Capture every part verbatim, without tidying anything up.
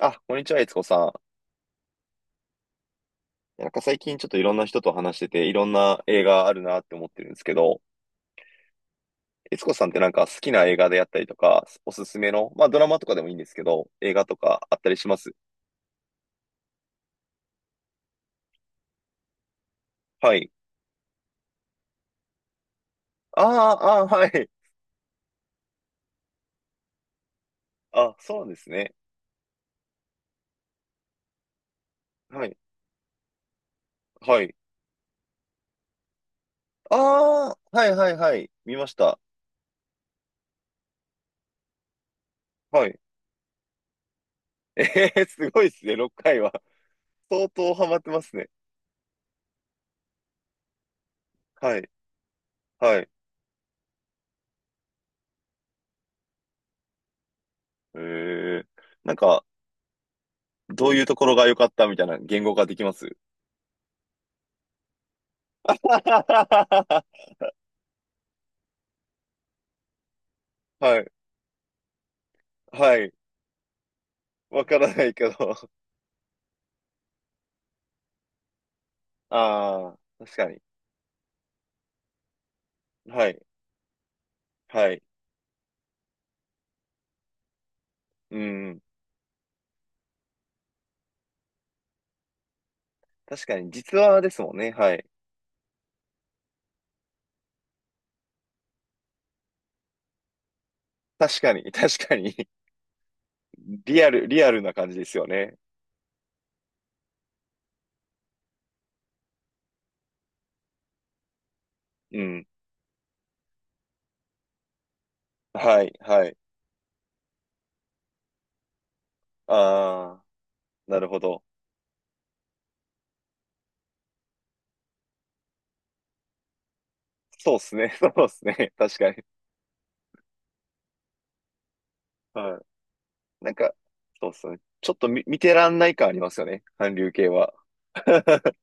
あ、こんにちは、いつこさん。なんか最近ちょっといろんな人と話してて、いろんな映画あるなって思ってるんですけど、いつこさんってなんか好きな映画であったりとか、おすすめの、まあドラマとかでもいいんですけど、映画とかあったりします？はい。ああ、ああ、はい。あ、そうなんですね。はい。はい。ああ、はいはいはい。見ました。はい。えー、すごいですね、ろっかいは。相当ハマってますね。はい。はい。えー、なんか、どういうところが良かったみたいな言語化できます？ はい、はい。わからないけど。ああ、確かに。はい、はい。うん。確かに、実話ですもんね。はい。確かに、確かに。リアル、リアルな感じですよね。うん。はい、はい。ああ、なるほど。そうっすね。そうっすね。確かに。はい。なんか、そうっすね。ちょっと見、見てらんない感ありますよね。韓流系は。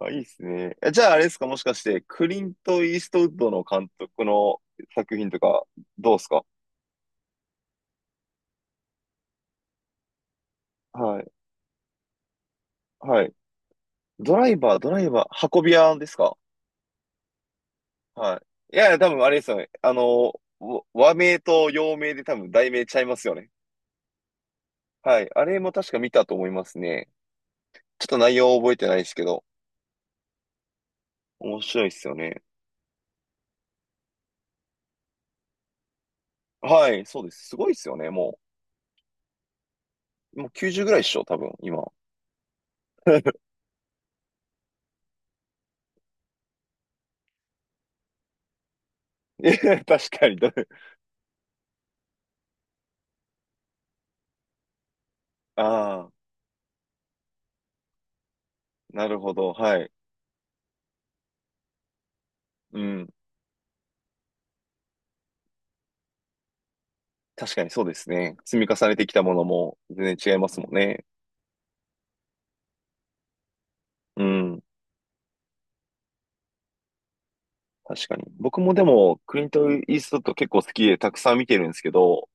あ、いいっすね。え、じゃああれですか、もしかして、クリント・イーストウッドの監督の作品とか、どうっすか？はい。はい。ドライバー、ドライバー、運び屋ですか？はい。いやいや、多分あれですよね。あの、わ和名と洋名で多分題名ちゃいますよね。はい。あれも確か見たと思いますね。ちょっと内容覚えてないですけど、面白いですよね。はい、そうです。すごいですよね。もう、もうきゅうじゅうぐらいっしょ、多分、今。え、確かに。だ、ああ、なるほど。はい。うん。確かにそうですね。積み重ねてきたものも全然違いますもんね。うん。確かに。僕もでも、クリント・イーストウッド結構好きでたくさん見てるんですけど、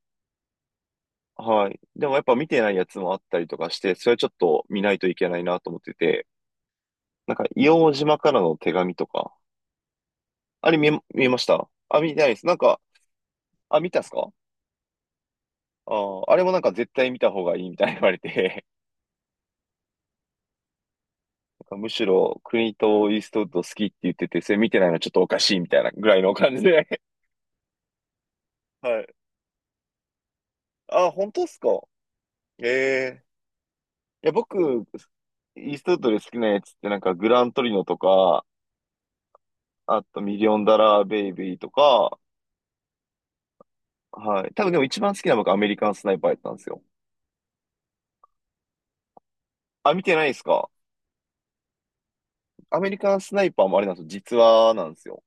はい。でもやっぱ見てないやつもあったりとかして、それはちょっと見ないといけないなと思ってて、なんか、硫黄島からの手紙とか、あれ見え、見えましたあ、見てないです。なんか、あ、見たっすか？あー、あれもなんか絶対見た方がいいみたいに言われて、なんかむしろクリント・イーストウッド好きって言ってて、それ見てないのはちょっとおかしいみたいなぐらいの感じで。はい。あ、本当っすか？ええ、いや、僕、イーストウッドで好きなやつってなんかグラントリノとか、あとミリオンダラーベイビーとか、はい。多分でも一番好きなのがアメリカンスナイパーやったんですよ。あ、見てないですか？アメリカンスナイパーもあれなんですよ。実話なんですよ。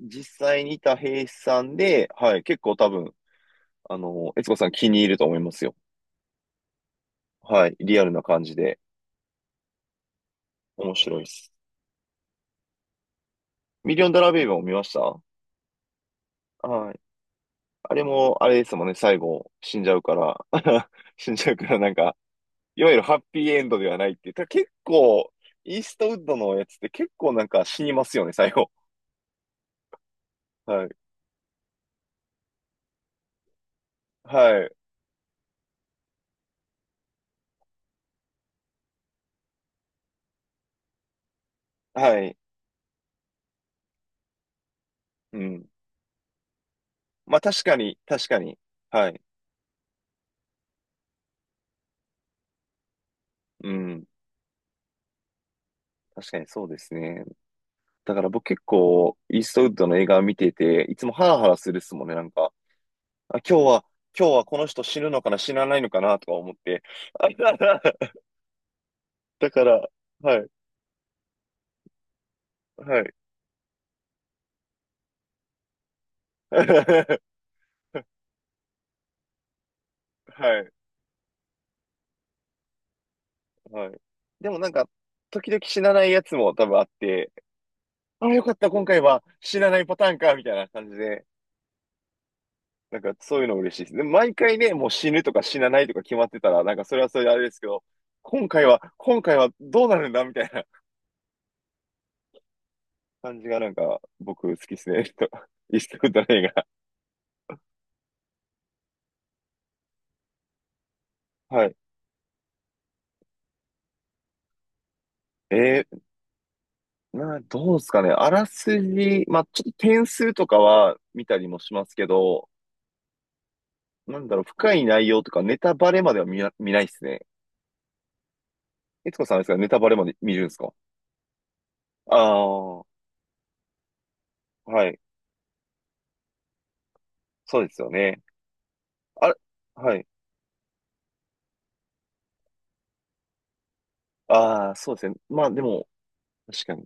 実際にいた兵士さんで、はい。結構多分、あの、悦子さん気に入ると思いますよ。はい。リアルな感じで面白いです。ミリオンダラーベイビーも見ました？はい。あれも、あれですもんね。最後、死んじゃうから。死んじゃうからなんか、いわゆるハッピーエンドではないっていう。ただ結構、イーストウッドのやつって結構なんか死にますよね、最後。はい。はい。はい。うん。まあ確かに、確かに。はい。うん。確かにそうですね。だから僕結構、イーストウッドの映画を見てて、いつもハラハラするっすもんね、なんか。あ、今日は、今日はこの人死ぬのかな、死なないのかな、とか思って。あはは、だから、はい。はい。はい。はい。でもなんか、時々死なないやつも多分あって、あ、よかった、今回は死なないパターンか、みたいな感じで、なんかそういうの嬉しいです。で毎回ね、もう死ぬとか死なないとか決まってたら、なんかそれはそれであれですけど、今回は、今回はどうなるんだ、みたいな感じがなんか僕好きですね。と、イーストウッドの映画。はい。えー、な、どうですかね。あらすじ、まあちょっと点数とかは見たりもしますけど、なんだろう、深い内容とかネタバレまでは見な、見ないですね。いつこさんですか？ネタバレまで見るんですか？ああー、はい。そうですよね。あれ、はい。ああ、そうですね。まあでも、確かに。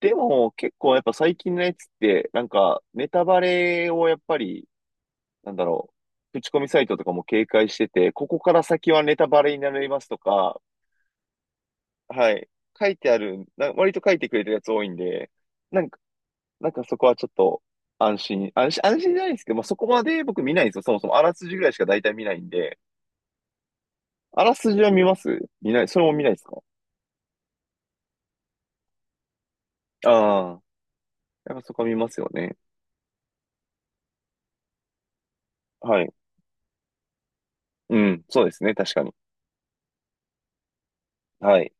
でも、結構やっぱ最近のやつって、なんか、ネタバレをやっぱり、なんだろう、口コミサイトとかも警戒してて、ここから先はネタバレになりますとか、はい。書いてある、な、割と書いてくれてるやつ多いんで、なんか、なんかそこはちょっと安心、安心、安心じゃないですけど、まあそこまで僕見ないんですよ。そもそもあらすじぐらいしか大体見ないんで、あらすじは見ます？見ない、それも見ないですか？ああー、やっぱそこは見ますよね。はい、うん、そうですね、確かに。はい、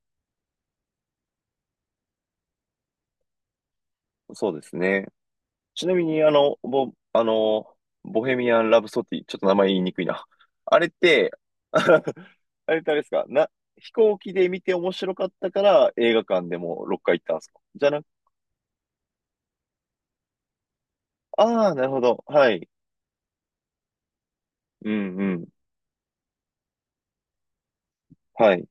そうですね。ちなみに、あの、ボ、あの、ボヘミアン・ラブソティ、ちょっと名前言いにくいな。あれって、あれってあれですか、な、飛行機で見て面白かったから映画館でもろっかい行ったんですか、じゃなく、ああ、なるほど。はい。うんうん。はい。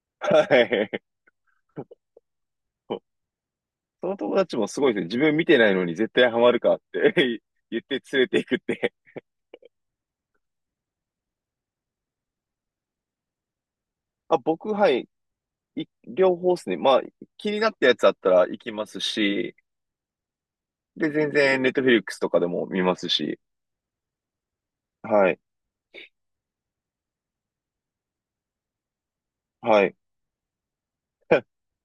はい。その友達もすごいですね。自分見てないのに絶対ハマるかって 言って連れていくって。あ、僕、はい。い、両方ですね。まあ、気になったやつあったら行きますし、で、全然、ネットフィリックスとかでも見ますし。はい。はい。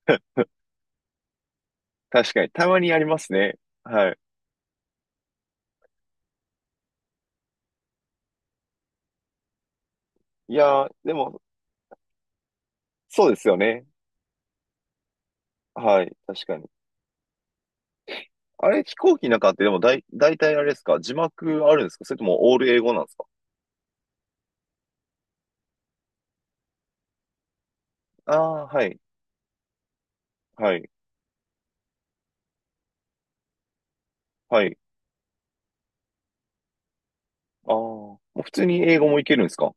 確かに、たまにありますね。はい。いやー、でも、そうですよね。はい。確かに。あれ、飛行機の中って、でも、だい、大体あれですか、字幕あるんですか、それとも、オール英語なんですか？ああー、はい。はい。はい。ああ、もう普通に英語もいけるんですか？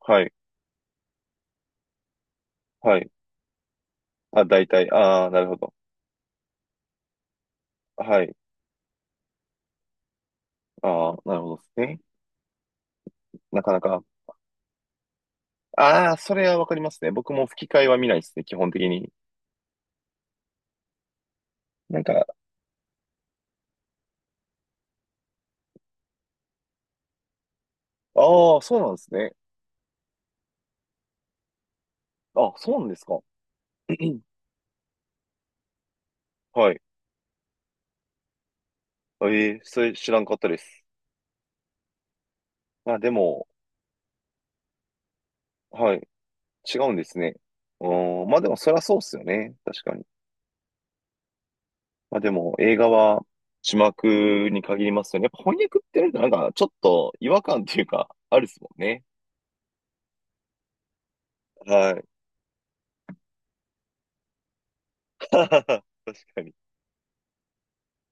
はい。はい。あ、大体。ああ、なるほど。はい。ああ、なるほどですね。なかなか。ああ、それはわかりますね。僕も吹き替えは見ないですね、基本的に。なんか、ああ、そうなんですね。あ、そうなんですか。はい。ええ、それ知らんかったです。まあでも、はい。違うんですね。うーん、まあでもそりゃそうっすよね。確かに。まあでも映画は字幕に限りますよね。やっぱ翻訳ってなんかなんかちょっと違和感っていうか、あるっすもんね。はい。確かに。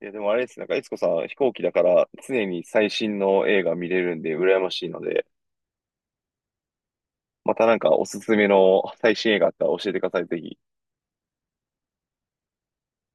いやでもあれです。なんか、いつこさん飛行機だから常に最新の映画見れるんで羨ましいので、またなんかおすすめの最新映画あったら教えてください、ぜひ。